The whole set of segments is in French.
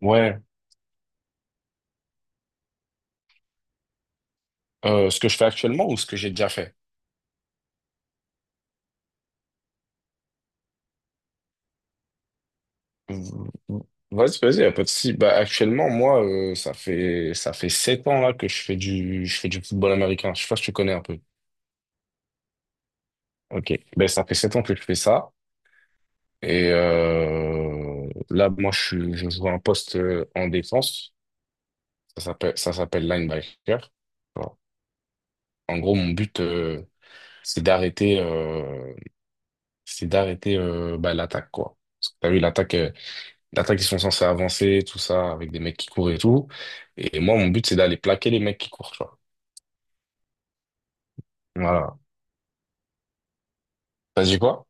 Ouais, ce que je fais actuellement ou ce que j'ai déjà fait? V- Vas-y, vas-y, y a pas de souci. Bah, actuellement, moi, ça fait 7 ans là que je fais du football américain. Je sais pas si tu connais un peu. Ok. Ben ça fait 7 ans que je fais ça. Et là, moi, je joue un poste, en défense. Ça s'appelle linebacker. Voilà. En gros, mon but, c'est d'arrêter euh, c'est d'arrêter, bah, l'attaque quoi. Parce que t'as vu l'attaque. L'attaque, ils sont censés avancer, tout ça, avec des mecs qui courent et tout. Et moi, mon but, c'est d'aller plaquer les mecs qui courent, tu vois. Voilà. T'as dit quoi?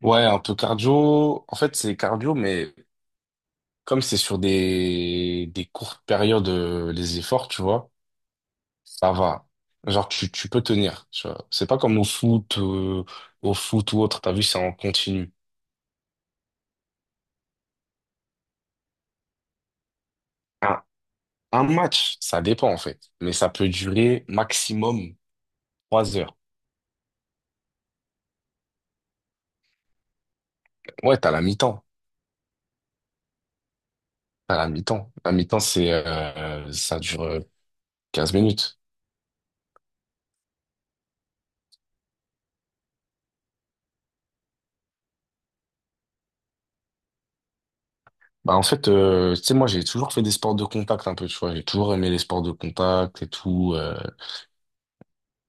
Ouais, un peu cardio. En fait, c'est cardio, mais comme c'est sur des courtes périodes, les efforts, tu vois, ça va. Genre, tu peux tenir, tu vois. C'est pas comme au foot ou autre, t'as vu, c'est en continu. Un, un match, ça dépend, en fait. Mais ça peut durer maximum 3 heures. Ouais, t'as la mi-temps. À la mi-temps. La mi-temps, c'est, ça dure 15 minutes. Bah, en fait, tu sais, moi, j'ai toujours fait des sports de contact un peu, tu vois. J'ai toujours aimé les sports de contact et tout. euh,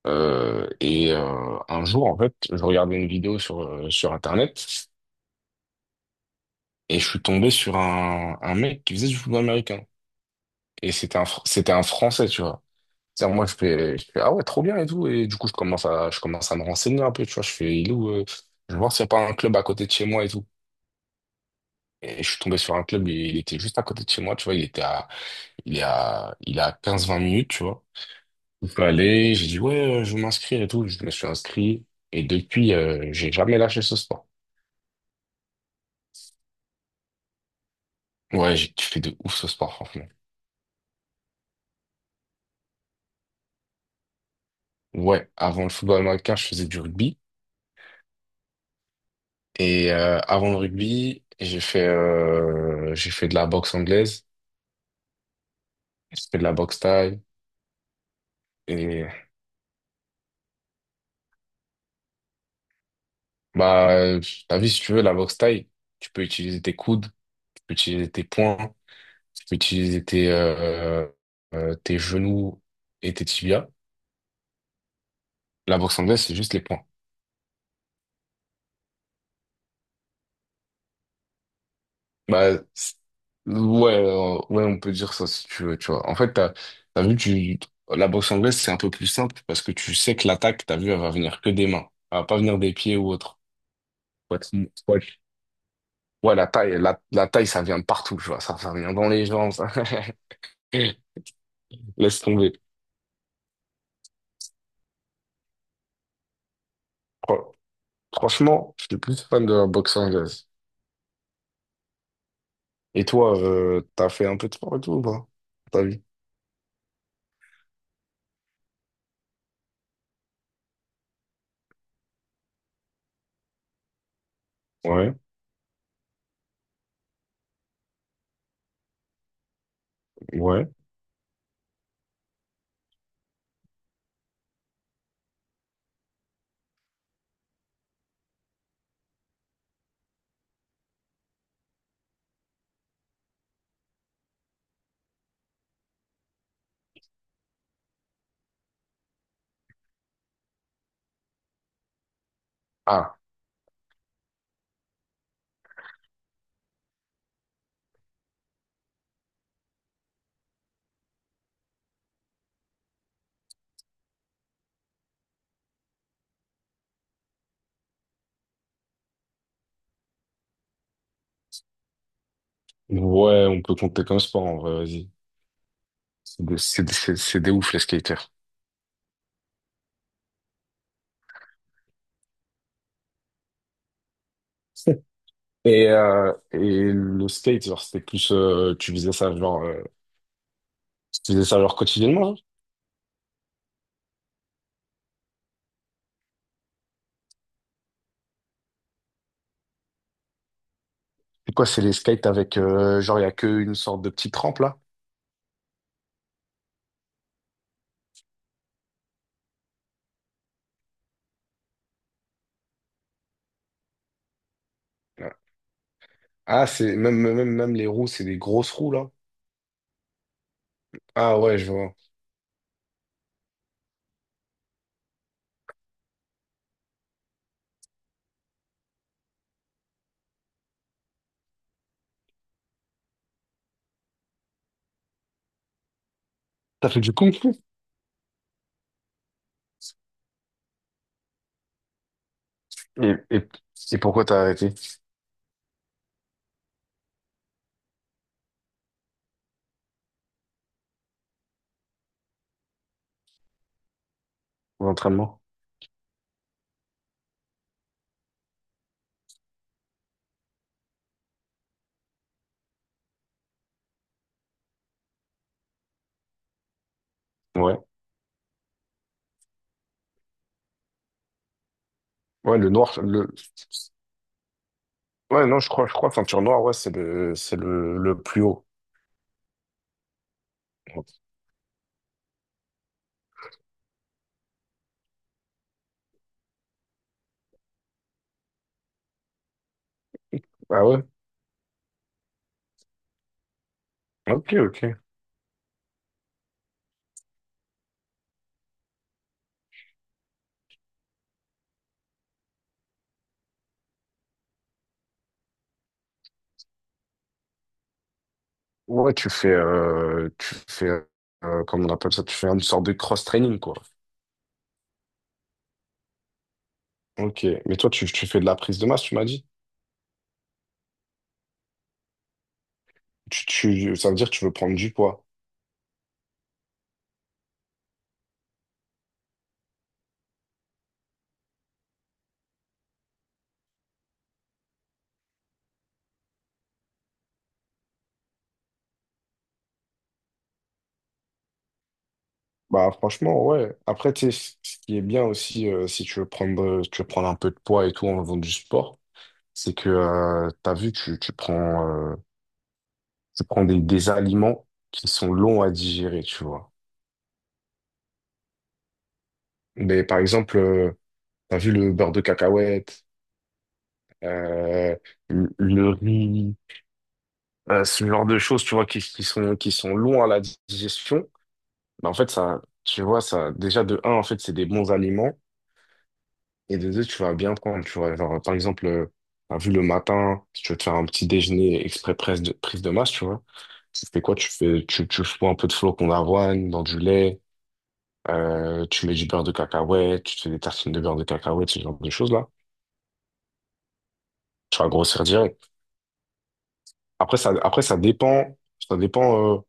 euh, et euh, un jour, en fait, je regardais une vidéo sur, sur Internet et je suis tombé sur un mec qui faisait du football américain. Et c'était un Français, tu vois. C'est-à-dire, moi, je fais, ah ouais, trop bien et tout. Et du coup, je commence à me renseigner un peu, tu vois. Je fais, il est où, je vais voir s'il n'y a pas un club à côté de chez moi et tout. Et je suis tombé sur un club, il était juste à côté de chez moi, tu vois, il était à, il est à, il est à 15-20 minutes, tu vois. Je suis allé, j'ai dit, ouais, je veux m'inscrire et tout, je me suis inscrit. Et depuis, j'ai jamais lâché ce sport. Ouais, j'ai kiffé de ouf ce sport, franchement. Ouais, avant le football américain, je faisais du rugby. Et avant le rugby, j'ai fait de la boxe anglaise, j'ai fait de la boxe thaï. Et bah, t'as vu, si tu veux, la boxe thaï, tu peux utiliser tes coudes, tu peux utiliser tes poings. Tu peux utiliser tes genoux et tes tibias. La boxe anglaise, c'est juste les poings. Bah, ouais, on peut dire ça si tu veux, tu vois. En fait, t'as vu, la boxe anglaise, c'est un peu plus simple parce que tu sais que l'attaque, t'as vu, elle va venir que des mains. Elle va pas venir des pieds ou autre. Ouais, ouais. Ouais, la taille, ça vient de partout, tu vois. Ça vient dans les jambes. Ça. Laisse tomber. Fran- Franchement, je suis plus fan de la boxe anglaise. Et toi, t'as fait un peu de sport et tout ou pas? Ta vie? Ouais, ouais. Ah, ouais, on peut compter comme sport en vrai, vas-y. C'est des ouf les skaters. Et le skate, genre, c'était plus, tu faisais ça genre, tu faisais ça genre quotidiennement? Genre. C'est quoi, c'est les skates avec, genre, il y a qu'une sorte de petite rampe là? Ouais. Ah, c'est même, même, même les roues, c'est des grosses roues là. Ah ouais, je vois. T'as fait du kung fu? Et, et, et pourquoi t'as arrêté l'entraînement? Ouais. Ouais, le noir. Ouais, non, je crois, ceinture noire, ouais, c'est le plus haut. Ah ouais? Ok, ok. Ouais, comment on appelle ça? Tu fais une sorte de cross-training, quoi. Ok. Mais toi, tu fais de la prise de masse, tu m'as dit? Ça veut dire que tu veux prendre du poids. Bah, franchement, ouais. Après, tu sais, ce qui est bien aussi, si tu veux prendre un peu de poids et tout en faisant du sport, c'est que, t'as vu, tu prends des aliments qui sont longs à digérer, tu vois. Mais par exemple, t'as vu le beurre de cacahuète, euh, le riz, ce genre de choses, tu vois, qui sont longs à la digestion. Bah, en fait, ça, tu vois, ça, déjà, de un, en fait, c'est des bons aliments. Et de deux, tu vas bien prendre, tu vois. Genre, par exemple, t'as vu le matin, si tu veux te faire un petit déjeuner exprès prise de masse, tu vois. Tu fais quoi? Tu fous un peu de flocons d'avoine dans du lait, tu mets du beurre de cacahuète, tu te fais des tartines de beurre de cacahuète, ce genre de choses-là. Tu vas grossir direct. Après, ça dépend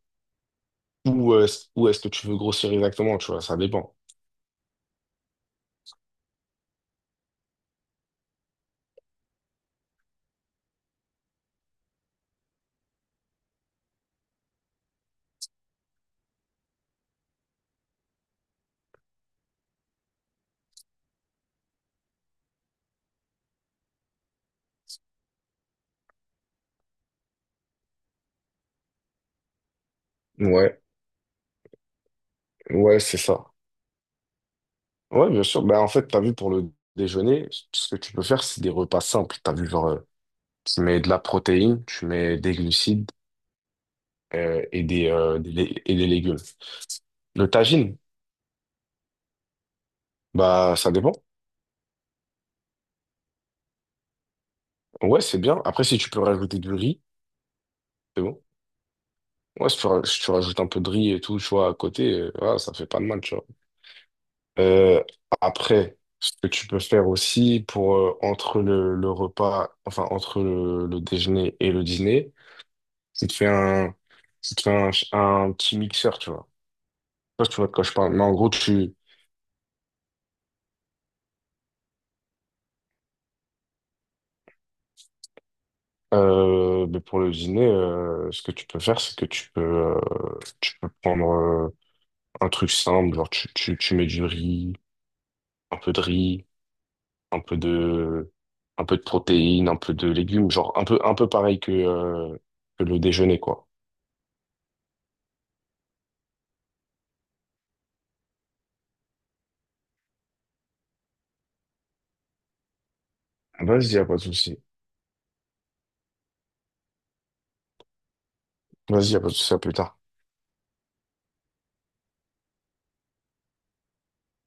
où est-ce que tu veux grossir exactement, tu vois, ça dépend. Ouais, ouais, c'est ça. Ouais, bien sûr. Bah, en fait, t'as vu pour le déjeuner, ce que tu peux faire, c'est des repas simples. T'as vu, genre, tu mets de la protéine, tu mets des glucides et des légumes. Le tagine, bah, ça dépend. Ouais, c'est bien. Après, si tu peux rajouter du riz, c'est bon. Ouais, si tu rajoutes un peu de riz et tout, tu vois, à côté, voilà, ça fait pas de mal, tu vois. Euh, Après, ce que tu peux faire aussi pour, entre le repas, enfin, entre le déjeuner et le dîner, c'est de faire un petit mixeur, tu vois. Je sais pas si tu vois de quoi je parle, mais en gros, mais pour le dîner, ce que tu peux faire, c'est que tu peux prendre, un truc simple, genre, tu, tu mets du riz, un peu de riz, un peu de, un peu de protéines, un peu de légumes, genre un peu pareil que le déjeuner, quoi. Vas-y, y a pas de souci. Vas-y, y a pas de souci, à plus tard.